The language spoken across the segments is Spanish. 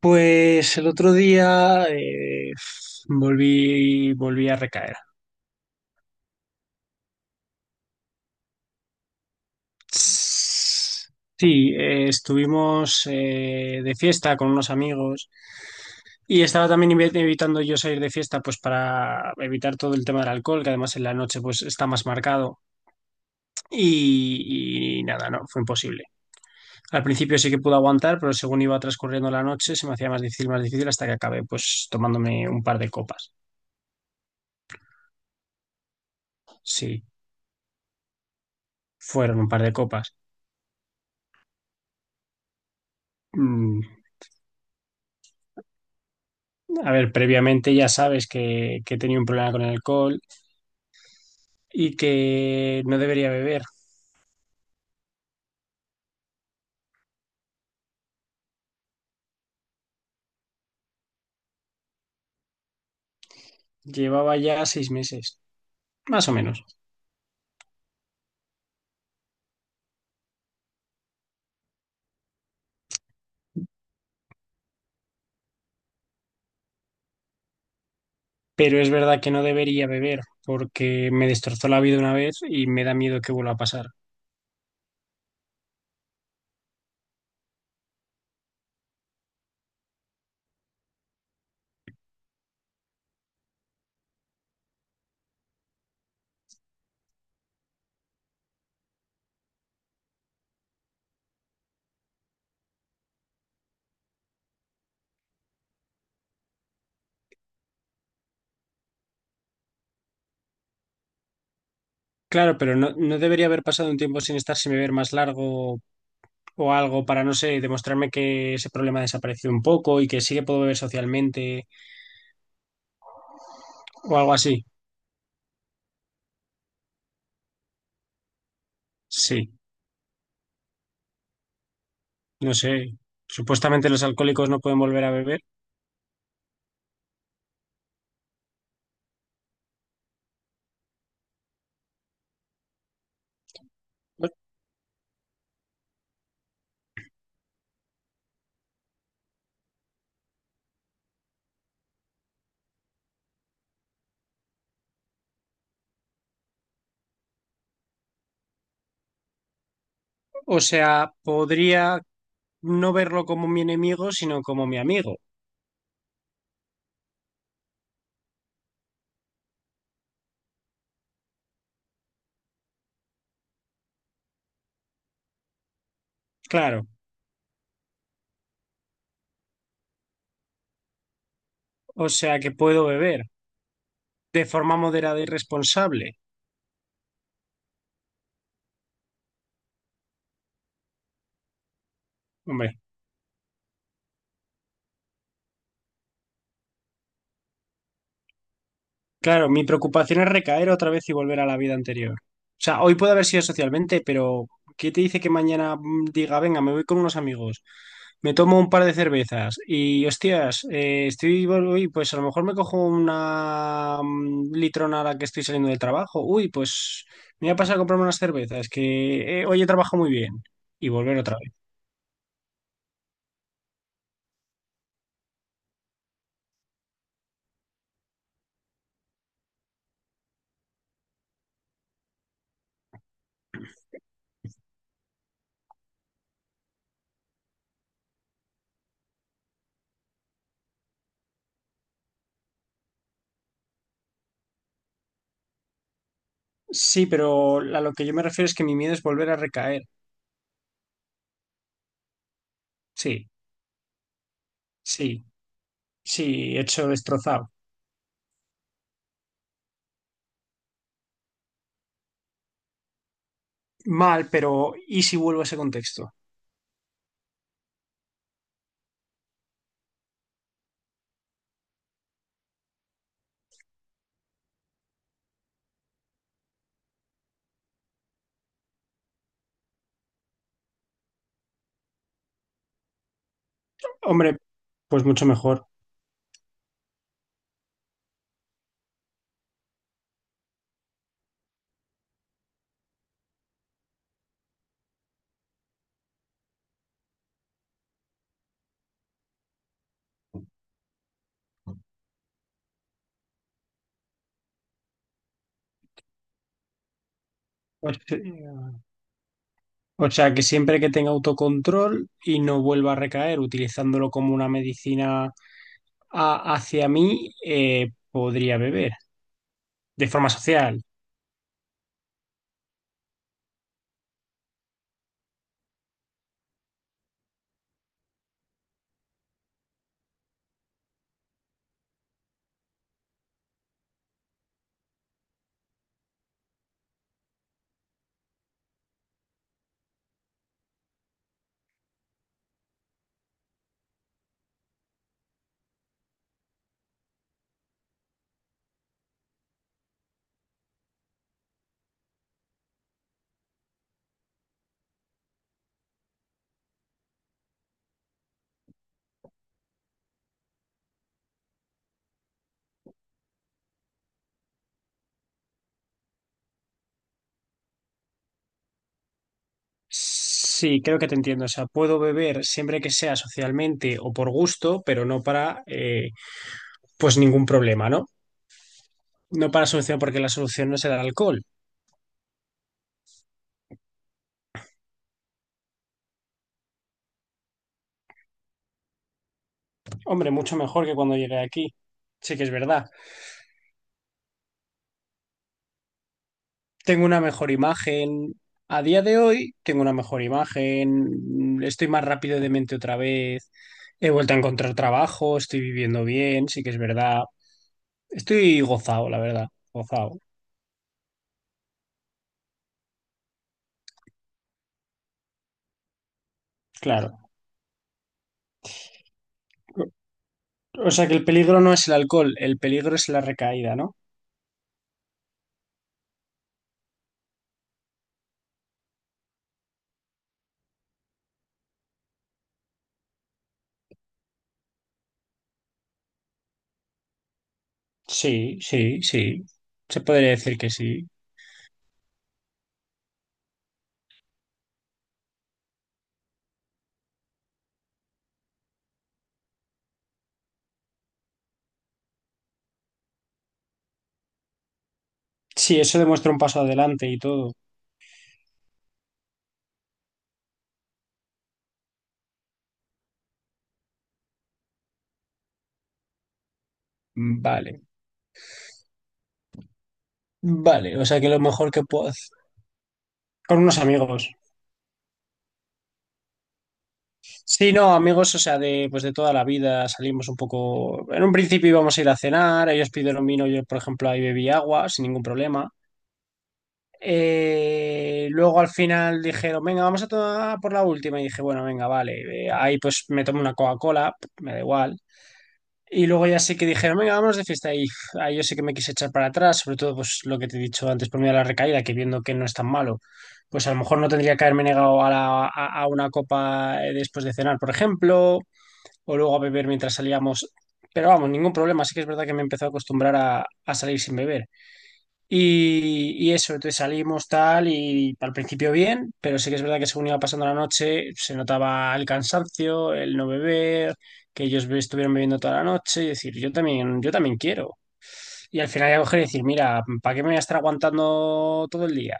Pues el otro día volví a recaer. Sí, estuvimos de fiesta con unos amigos y estaba también evitando yo salir de fiesta pues para evitar todo el tema del alcohol, que además en la noche pues está más marcado y nada, no, fue imposible. Al principio sí que pude aguantar, pero según iba transcurriendo la noche se me hacía más difícil hasta que acabé pues tomándome un par de copas. Sí, fueron un par de copas. Mm. A ver, previamente ya sabes que tenía un problema con el alcohol y que no debería beber. Llevaba ya 6 meses, más o menos. Pero es verdad que no debería beber porque me destrozó la vida una vez y me da miedo que vuelva a pasar. Claro, pero no, no debería haber pasado un tiempo sin estar sin beber más largo o algo para, no sé, demostrarme que ese problema desapareció un poco y que sí que puedo beber socialmente o algo así. Sí, no sé. Supuestamente los alcohólicos no pueden volver a beber. O sea, podría no verlo como mi enemigo, sino como mi amigo. Claro, o sea que puedo beber de forma moderada y responsable. Hombre, claro, mi preocupación es recaer otra vez y volver a la vida anterior. O sea, hoy puede haber sido socialmente, pero ¿qué te dice que mañana diga, venga, me voy con unos amigos, me tomo un par de cervezas y, hostias, estoy, uy, pues a lo mejor me cojo una litrona a la que estoy saliendo del trabajo. Uy, pues me voy a pasar a comprarme unas cervezas, que hoy he trabajado muy bien y volver otra. Sí, pero a lo que yo me refiero es que mi miedo es volver a recaer. Sí, sí, sí, hecho destrozado. Mal, pero ¿y si vuelvo a ese contexto? Hombre, pues mucho mejor. O se- o sea, que siempre que tenga autocontrol y no vuelva a recaer, utilizándolo como una medicina hacia mí, podría beber de forma social. Sí, creo que te entiendo. O sea, puedo beber siempre que sea socialmente o por gusto, pero no para, pues ningún problema, ¿no? No para solución, porque la solución no es el alcohol. Hombre, mucho mejor que cuando llegué aquí. Sí que es verdad. Tengo una mejor imagen. A día de hoy tengo una mejor imagen. Estoy más rápido de mente otra vez. He vuelto a encontrar trabajo. Estoy viviendo bien. Sí que es verdad. Estoy gozado, la verdad. Gozado. Claro. O sea que el peligro no es el alcohol. El peligro es la recaída, ¿no? Sí, sí, sí. Se podría decir que sí. Sí, eso demuestra un paso adelante y todo. Vale. Vale, o sea que lo mejor que puedo hacer... Con unos amigos. Sí, no, amigos, o sea, de pues de toda la vida salimos un poco. En un principio íbamos a ir a cenar, ellos pidieron vino, yo, por ejemplo, ahí bebí agua sin ningún problema. Luego al final dijeron, venga, vamos a tomar por la última. Y dije, bueno, venga, vale. Ahí pues me tomo una Coca-Cola, me da igual. Y luego ya sé que dijeron, venga, vámonos de fiesta. Y uf, ahí yo sé que me quise echar para atrás, sobre todo pues lo que te he dicho antes por mí a la recaída, que viendo que no es tan malo, pues a lo mejor no tendría que haberme negado a una copa después de cenar, por ejemplo, o luego a beber mientras salíamos. Pero vamos, ningún problema. Sí que es verdad que me empezó a acostumbrar a salir sin beber. Y eso, entonces salimos tal y al principio bien, pero sí que es verdad que según iba pasando la noche se notaba el cansancio, el no beber, que ellos estuvieron bebiendo toda la noche y decir, yo también quiero. Y al final ya coger y decir, mira, ¿para qué me voy a estar aguantando todo el día?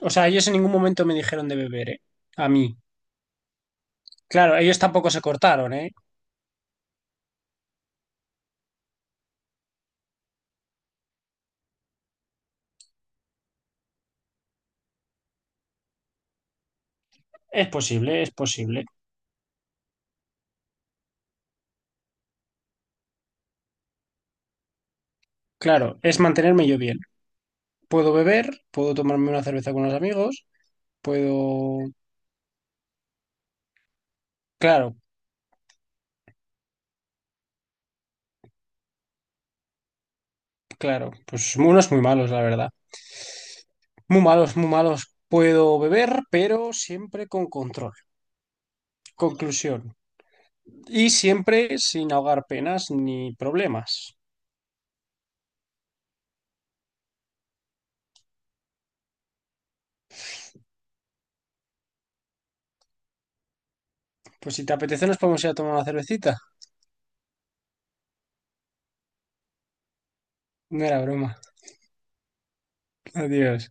O sea, ellos en ningún momento me dijeron de beber, ¿eh? A mí. Claro, ellos tampoco se cortaron, ¿eh? Es posible, es posible. Claro, es mantenerme yo bien. Puedo beber, puedo tomarme una cerveza con los amigos, puedo... Claro, claro, pues unos muy malos, la verdad. Muy malos, muy malos. Puedo beber, pero siempre con control. Conclusión. Y siempre sin ahogar penas ni problemas. Pues si te apetece, nos podemos ir a tomar una cervecita. No era broma. Adiós.